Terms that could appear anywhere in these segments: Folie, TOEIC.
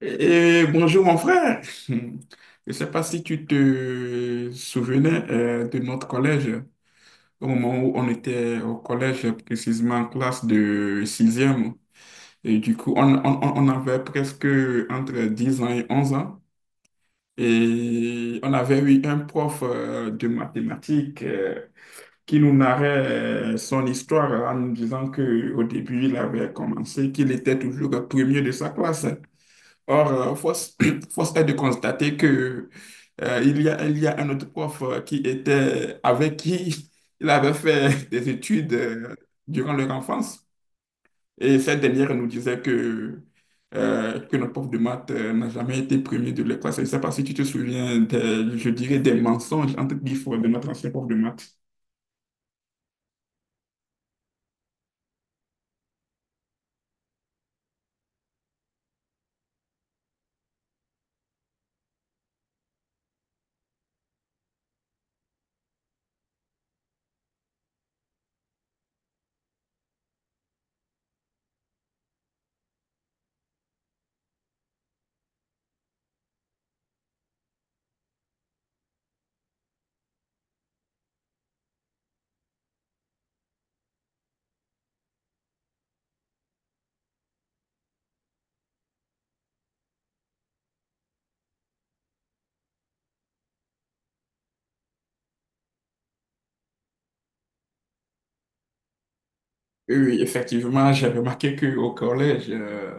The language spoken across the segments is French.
Et bonjour mon frère. Je ne sais pas si tu te souvenais de notre collège au moment où on était au collège, précisément en classe de sixième. Et du coup, on avait presque entre 10 ans et 11 ans. Et on avait eu un prof de mathématiques qui nous narrait son histoire en nous disant qu'au début, il avait commencé, qu'il était toujours le premier de sa classe. Or, force, force est de constater que il y a un autre prof qui était avec qui il avait fait des études durant leur enfance. Et cette dernière nous disait que notre prof de maths n'a jamais été premier de la classe. Je ne sais pas si tu te souviens des, je dirais, des mensonges entre guillemets de notre ancien prof de maths. Oui, effectivement, j'ai remarqué qu'au collège,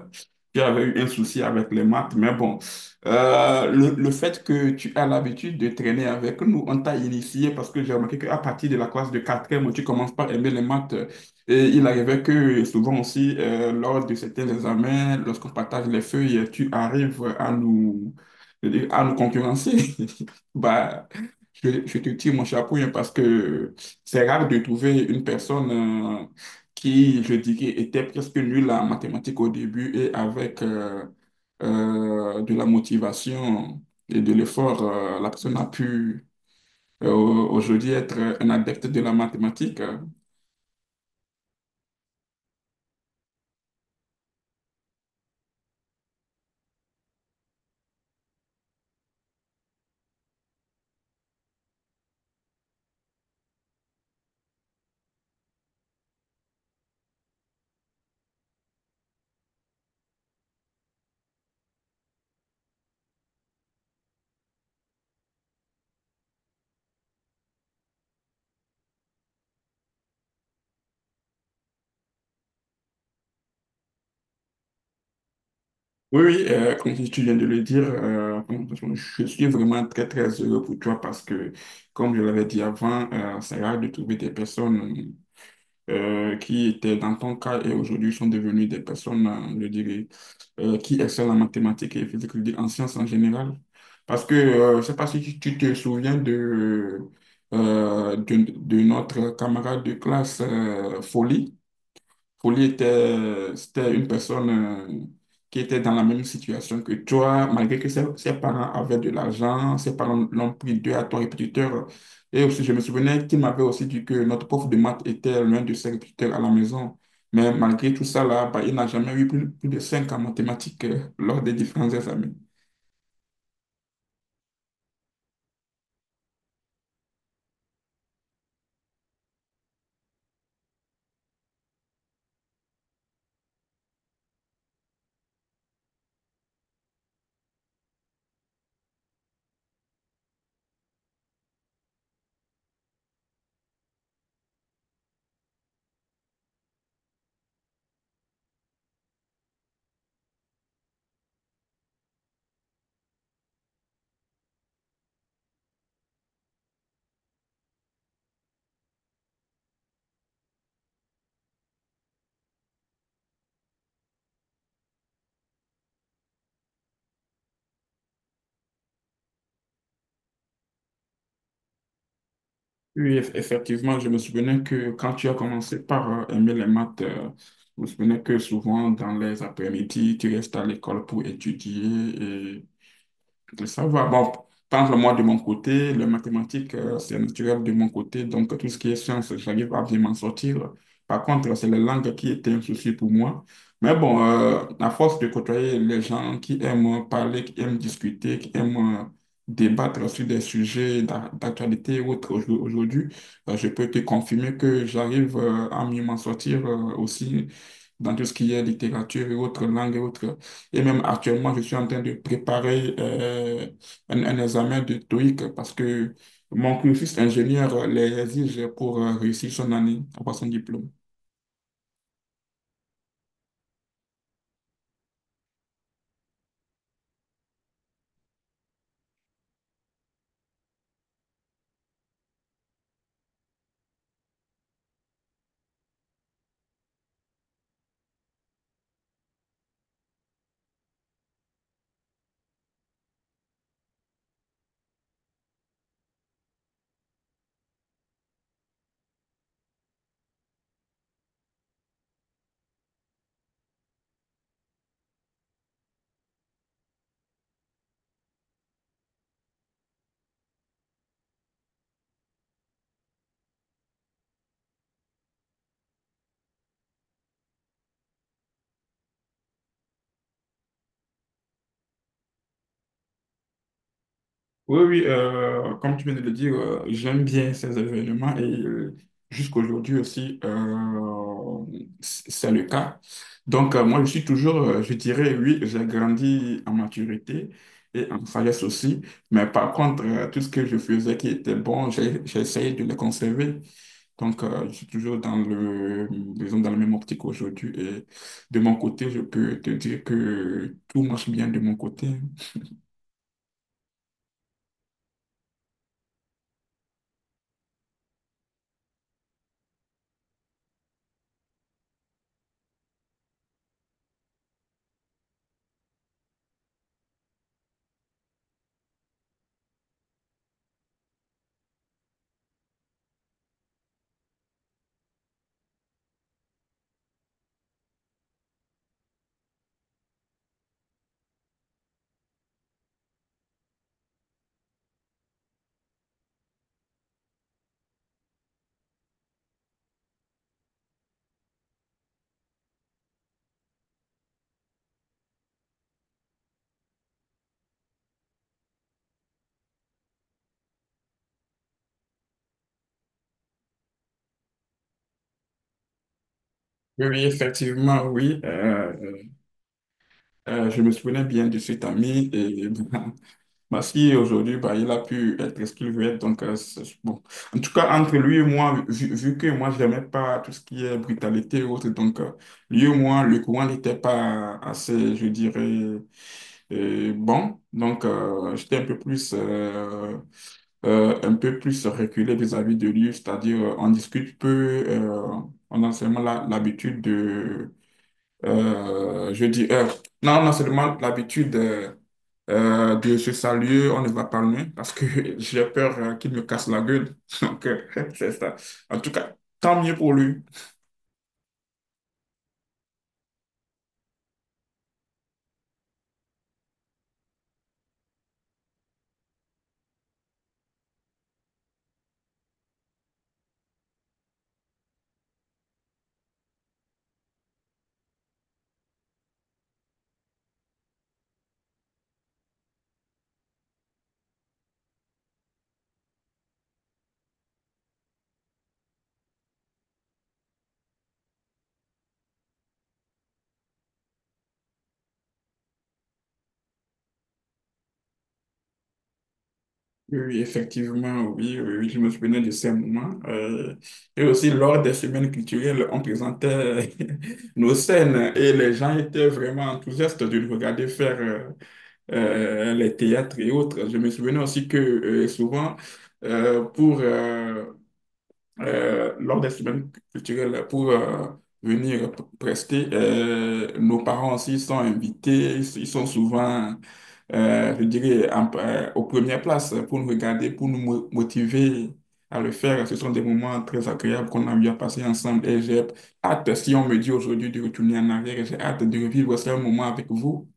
j'avais eu un souci avec les maths, mais bon, le fait que tu as l'habitude de traîner avec nous, on t'a initié parce que j'ai remarqué qu'à partir de la classe de quatrième, tu commences par aimer les maths. Et il arrivait que souvent aussi, lors de certains examens, lorsqu'on partage les feuilles, tu arrives à nous concurrencer. Bah, je te tire mon chapeau hein, parce que c'est rare de trouver une personne qui, je dirais, était presque nul en mathématiques au début et avec de la motivation et de l'effort, la personne a pu aujourd'hui être un adepte de la mathématique. Oui, oui, comme si tu viens de le dire, je suis vraiment très, très heureux pour toi parce que, comme je l'avais dit avant, c'est rare de trouver des personnes qui étaient dans ton cas et aujourd'hui sont devenues des personnes, je dirais, qui excellent en mathématiques et physique, je veux dire, en sciences en général. Parce que, je ne sais pas si tu te souviens de, de notre camarade de classe, Folie. C'était une personne qui était dans la même situation que toi, malgré que ses parents avaient de l'argent, ses parents l'ont pris deux à trois répétiteurs. Et aussi, je me souvenais qu'il m'avait aussi dit que notre prof de maths était l'un de ses répétiteurs à la maison. Mais malgré tout ça, là, bah, il n'a jamais eu plus de cinq en mathématiques lors des différents examens. Oui, effectivement, je me souvenais que quand tu as commencé par aimer les maths, je me souvenais que souvent dans les après-midi, tu restes à l'école pour étudier ça va. Bon, par exemple, moi, de mon côté, le mathématique c'est naturel de mon côté. Donc, tout ce qui est science j'arrive à bien m'en sortir. Par contre, c'est la langue qui était un souci pour moi. Mais bon, à force de côtoyer les gens qui aiment parler, qui aiment discuter, qui aiment débattre sur des sujets d'actualité ou autre aujourd'hui, je peux te confirmer que j'arrive à mieux m'en sortir aussi dans tout ce qui est littérature et autres langues et autres. Et même actuellement, je suis en train de préparer un examen de TOEIC parce que mon cursus ingénieur l'exige pour réussir son année, avoir son diplôme. Oui, oui, comme tu viens de le dire, j'aime bien ces événements et jusqu'aujourd'hui aussi, c'est le cas. Donc, moi, je suis toujours, je dirais, oui, j'ai grandi en maturité et en sagesse aussi, mais par contre, tout ce que je faisais qui était bon, j'ai essayé de le conserver. Donc, je suis toujours dans le, disons, dans la même optique aujourd'hui et de mon côté, je peux te dire que tout marche bien de mon côté. Oui, oui, effectivement, oui. Je me souvenais bien de cet ami et bah, ma fille aujourd'hui, bah, il a pu être ce qu'il veut être. Donc, bon. En tout cas, entre lui et moi, vu que moi, je n'aimais pas tout ce qui est brutalité et autres, donc lui et moi, le courant n'était pas assez, je dirais, bon. Donc, j'étais un peu plus reculé vis-à-vis de lui, c'est-à-dire on discute peu, on a seulement l'habitude de je dis heure. Non, on seulement l'habitude de se saluer, on ne va pas loin parce que j'ai peur qu'il me casse la gueule. Donc, c'est ça. En tout cas, tant mieux pour lui. Oui, oui, effectivement, oui, oui, oui, je me souvenais de ces moments. Et aussi, lors des semaines culturelles, on présentait nos scènes et les gens étaient vraiment enthousiastes de nous regarder faire les théâtres et autres. Je me souvenais aussi que souvent, pour lors des semaines culturelles pour venir prester. Nos parents aussi sont invités, ils sont souvent, je dirais, aux premières places pour nous regarder, pour nous motiver à le faire. Ce sont des moments très agréables qu'on a eu à passer ensemble et j'ai hâte, si on me dit aujourd'hui de retourner en arrière, j'ai hâte de revivre ce moment avec vous.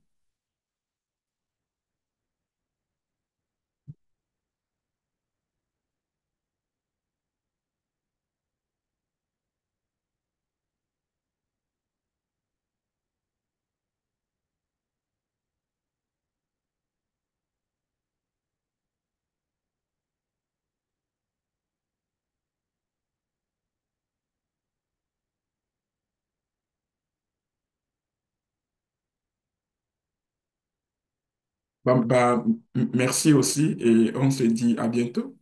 Bah, bah, merci aussi et on se dit à bientôt.